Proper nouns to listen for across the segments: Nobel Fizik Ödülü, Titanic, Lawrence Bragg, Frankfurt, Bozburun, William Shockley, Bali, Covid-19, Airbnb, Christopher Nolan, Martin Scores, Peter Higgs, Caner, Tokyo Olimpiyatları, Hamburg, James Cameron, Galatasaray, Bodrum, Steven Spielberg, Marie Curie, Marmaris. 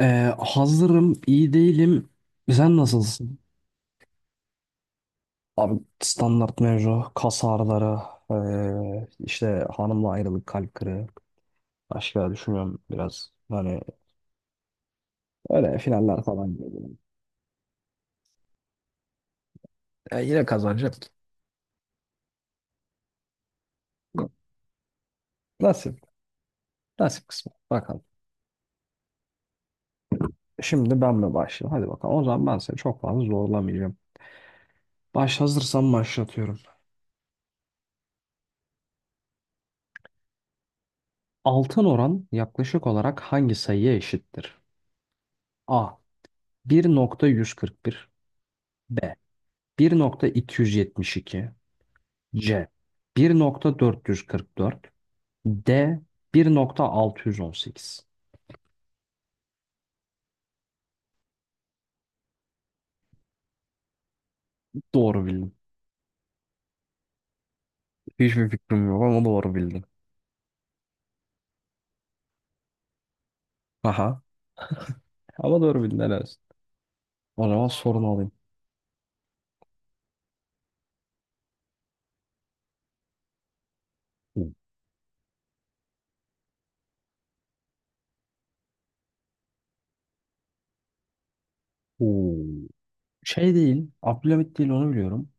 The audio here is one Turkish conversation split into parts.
Hazırım, iyi değilim. Sen nasılsın? Abi standart mevzu, kas ağrıları, işte hanımla ayrılık, kalp kırığı. Başka düşünüyorum biraz. Hani öyle finaller falan geliyor. Ya yine kazanacak. Nasip, nasip kısmı. Bakalım. Şimdi ben mi başlayayım? Hadi bakalım. O zaman ben seni çok fazla zorlamayacağım. Baş hazırsam başlatıyorum. Altın oran yaklaşık olarak hangi sayıya eşittir? A. 1,141 B. 1,272 C 1,444 D 1,618. Doğru bildim. Hiçbir fikrim yok ama doğru bildim. Aha. Ama doğru bildin, helal olsun. O zaman sorunu alayım. Oo. Şey değil, Abdülhamit değil, onu biliyorum.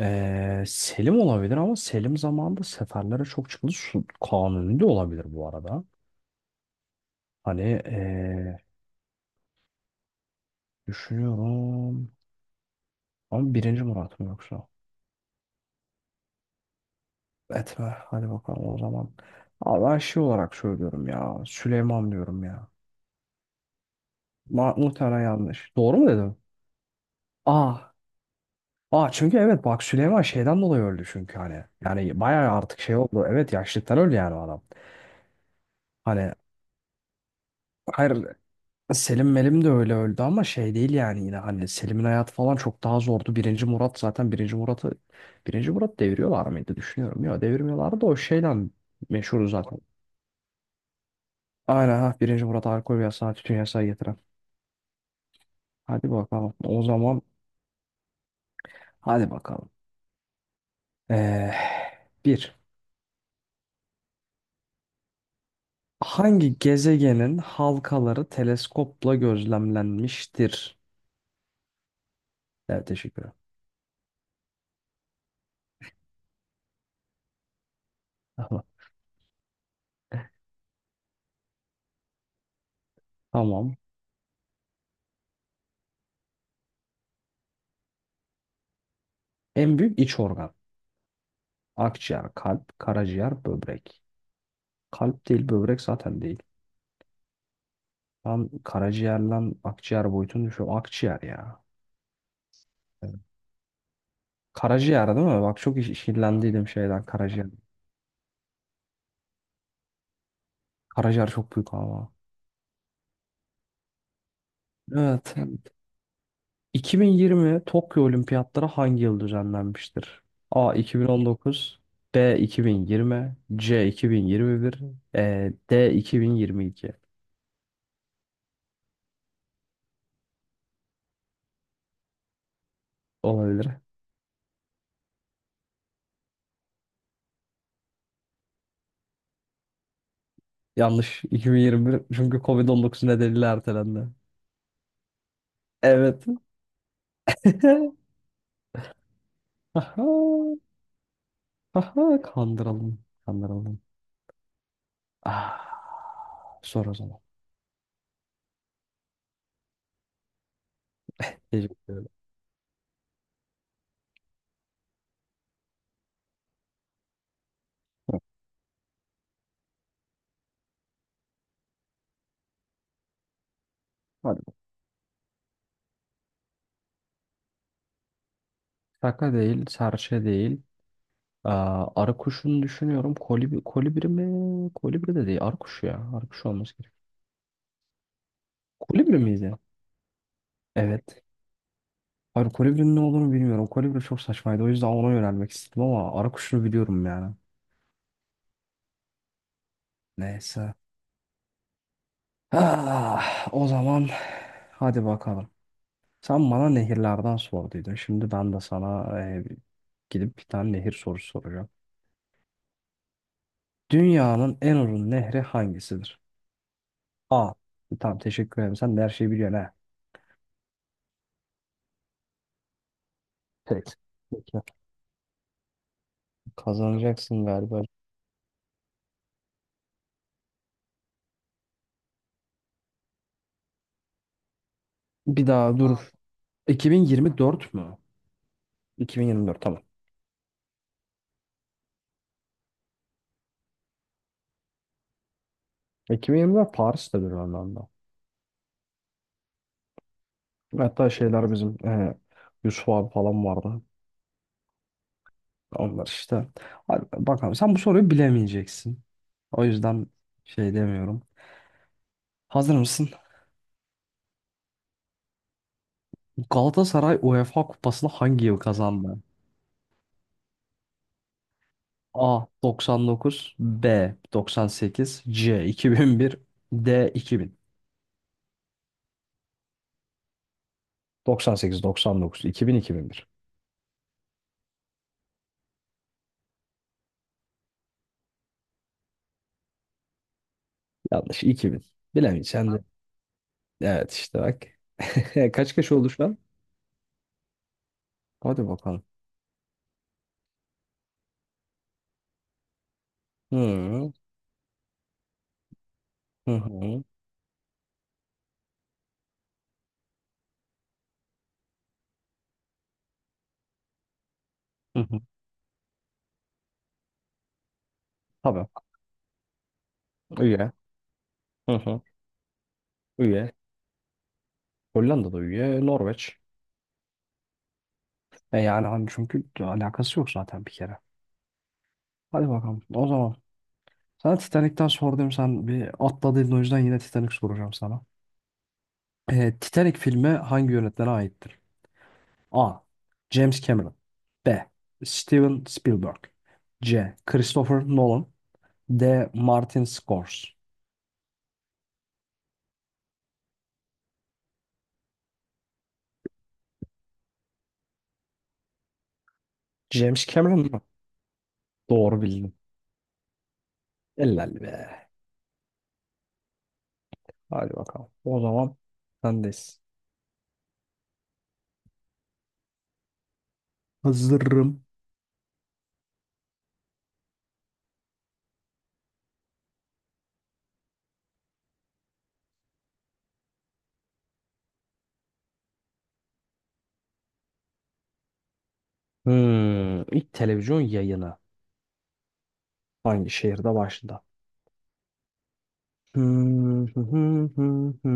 Selim olabilir ama Selim zamanında seferlere çok çıkıldı. Su, Kanuni de olabilir bu arada. Hani düşünüyorum. Ama birinci Murat mı yoksa? Etme. Hadi bakalım o zaman. Abi ben şey olarak söylüyorum ya. Süleyman diyorum ya. Ma muhtemelen yanlış. Doğru mu dedim? Aa. Aa çünkü, evet, bak, Süleyman şeyden dolayı öldü çünkü hani. Yani bayağı artık şey oldu. Evet, yaşlıktan öldü yani o adam. Hani hayır, Selim Melim de öyle öldü ama şey değil yani, yine hani Selim'in hayatı falan çok daha zordu. Birinci Murat zaten, birinci Murat'ı birinci Murat deviriyorlar mıydı düşünüyorum. Ya devirmiyorlardı da o şeyden meşhur zaten. Aynen, ha, birinci Murat alkol yasağı, tütün yasağı getiren. Hadi bakalım. O zaman hadi bakalım. Ee, Bir. Hangi gezegenin halkaları teleskopla gözlemlenmiştir? Evet, teşekkür ederim. Tamam. Tamam. En büyük iç organ. Akciğer, kalp, karaciğer, böbrek. Kalp değil, böbrek zaten değil. Ben karaciğerle akciğer boyutunu düşünüyorum. Akciğer ya. Evet. Karaciğer değil mi? Bak, çok işkillendiydim şeyden, karaciğer. Karaciğer çok büyük ama. Evet. 2020 Tokyo Olimpiyatları hangi yıl düzenlenmiştir? A 2019, B 2020, C 2021, D 2022 olabilir. Yanlış. 2021 çünkü Covid-19 nedeniyle ertelendi. Evet. Aha, aha, kandıralım. Kandıralım. Ah, sor o zaman. Teşekkür ederim. Hı, hadi. Şaka değil, serçe değil. Aa, arı kuşunu düşünüyorum. Kolibri, kolibri mi? Kolibri de değil. Arı kuşu ya. Arı kuşu olması gerek. Kolibri miydi? Evet. Hayır, kolibrinin ne olduğunu bilmiyorum. Kolibri çok saçmaydı, o yüzden ona yönelmek istedim ama arı kuşunu biliyorum yani. Neyse. Ah, o zaman hadi bakalım. Sen bana nehirlerden sorduydun. Şimdi ben de sana gidip bir tane nehir sorusu soracağım. Dünyanın en uzun nehri hangisidir? A. Tamam, teşekkür ederim. Sen de her şeyi biliyorsun ha. Peki. Peki. Kazanacaksın galiba. Bir daha. Aa, dur. 2024 mü? 2024 tamam. 2024 Paris'tedir anlamda. Hatta şeyler bizim Yusuf abi falan vardı. Onlar işte. Hadi bakalım, sen bu soruyu bilemeyeceksin. O yüzden şey demiyorum. Hazır mısın? Galatasaray UEFA Kupası'nı hangi yıl kazandı? A 99, B 98, C 2001, D 2000. 98, 99, 2000, 2001. Yanlış. 2000. Bilemeyeceğim sen de. Evet, işte bak. Kaç kaç oldu şu an? Hadi bakalım. Hı hı hı hı. Hı. Tabii. Üye. Hı hı. Üye. Hollanda'da üye. Norveç. E yani hani çünkü alakası yok zaten bir kere. Hadi bakalım. O zaman sana Titanic'ten sordum, sen bir atladın, o yüzden yine Titanic soracağım sana. Titanic filmi hangi yönetmene aittir? A. James Cameron B. Steven Spielberg C. Christopher Nolan D. Martin Scores. James Cameron mı? Doğru bildim. Helal be. Hadi bakalım. O zaman sendeyiz. Hazırım. Hmm, ilk televizyon yayını. Hangi şehirde başladı? Hmm, hı hı hı hı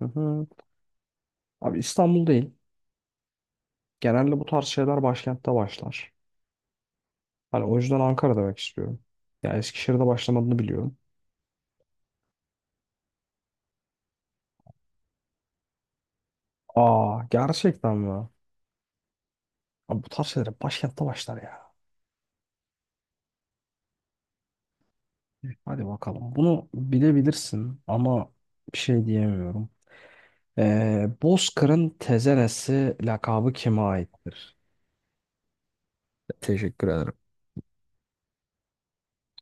hı hı. Abi İstanbul değil. Genelde bu tarz şeyler başkentte başlar. Hani o yüzden Ankara demek istiyorum. Ya Eskişehir'de başlamadığını biliyorum. Aa, gerçekten mi? Abi, bu tarz şeyler başkentte başlar ya. Hadi bakalım. Bunu bilebilirsin ama bir şey diyemiyorum. Bozkır'ın tezenesi lakabı kime aittir? Teşekkür ederim.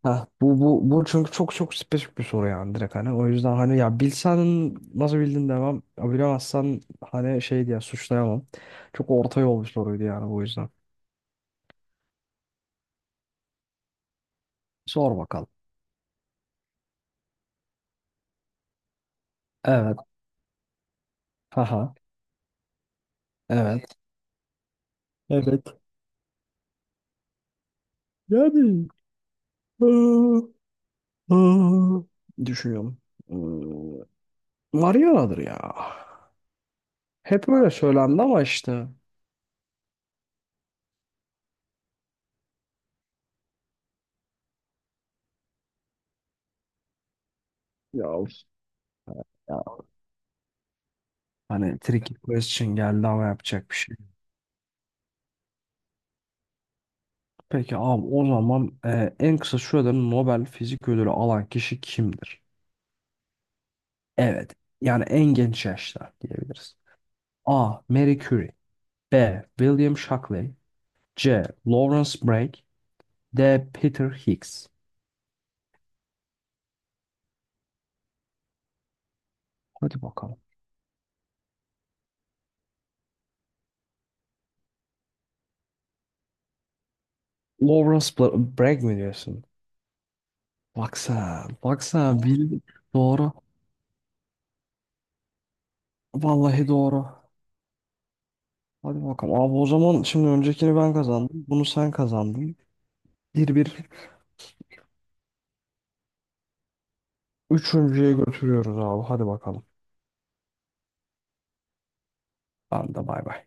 Heh, bu çünkü çok çok spesifik bir soru yani, direkt hani. O yüzden hani, ya bilsen nasıl bildin demem, ya bilemezsen hani şey diye suçlayamam. Çok orta yol bir soruydu yani, bu yüzden. Sor bakalım. Evet. Haha. Evet. Evet. Yani. Aa, aa. Düşünüyorum. Mariana'dır ya. Hep öyle söylendi ama işte. Ya, ya. Hani tricky question geldi ama yapacak bir şey yok. Peki abi, o zaman en kısa sürede Nobel Fizik Ödülü alan kişi kimdir? Evet. Yani en genç yaşta diyebiliriz. A. Marie Curie B. William Shockley C. Lawrence Bragg D. Peter Higgs. Hadi bakalım. Lawrence Bragg mi diyorsun? Baksana. Baksana. Bildim. Doğru. Vallahi doğru. Hadi bakalım. Abi o zaman, şimdi öncekini ben kazandım, bunu sen kazandın. Bir bir, üçüncüye götürüyoruz abi. Hadi bakalım. Ben de, bay bay.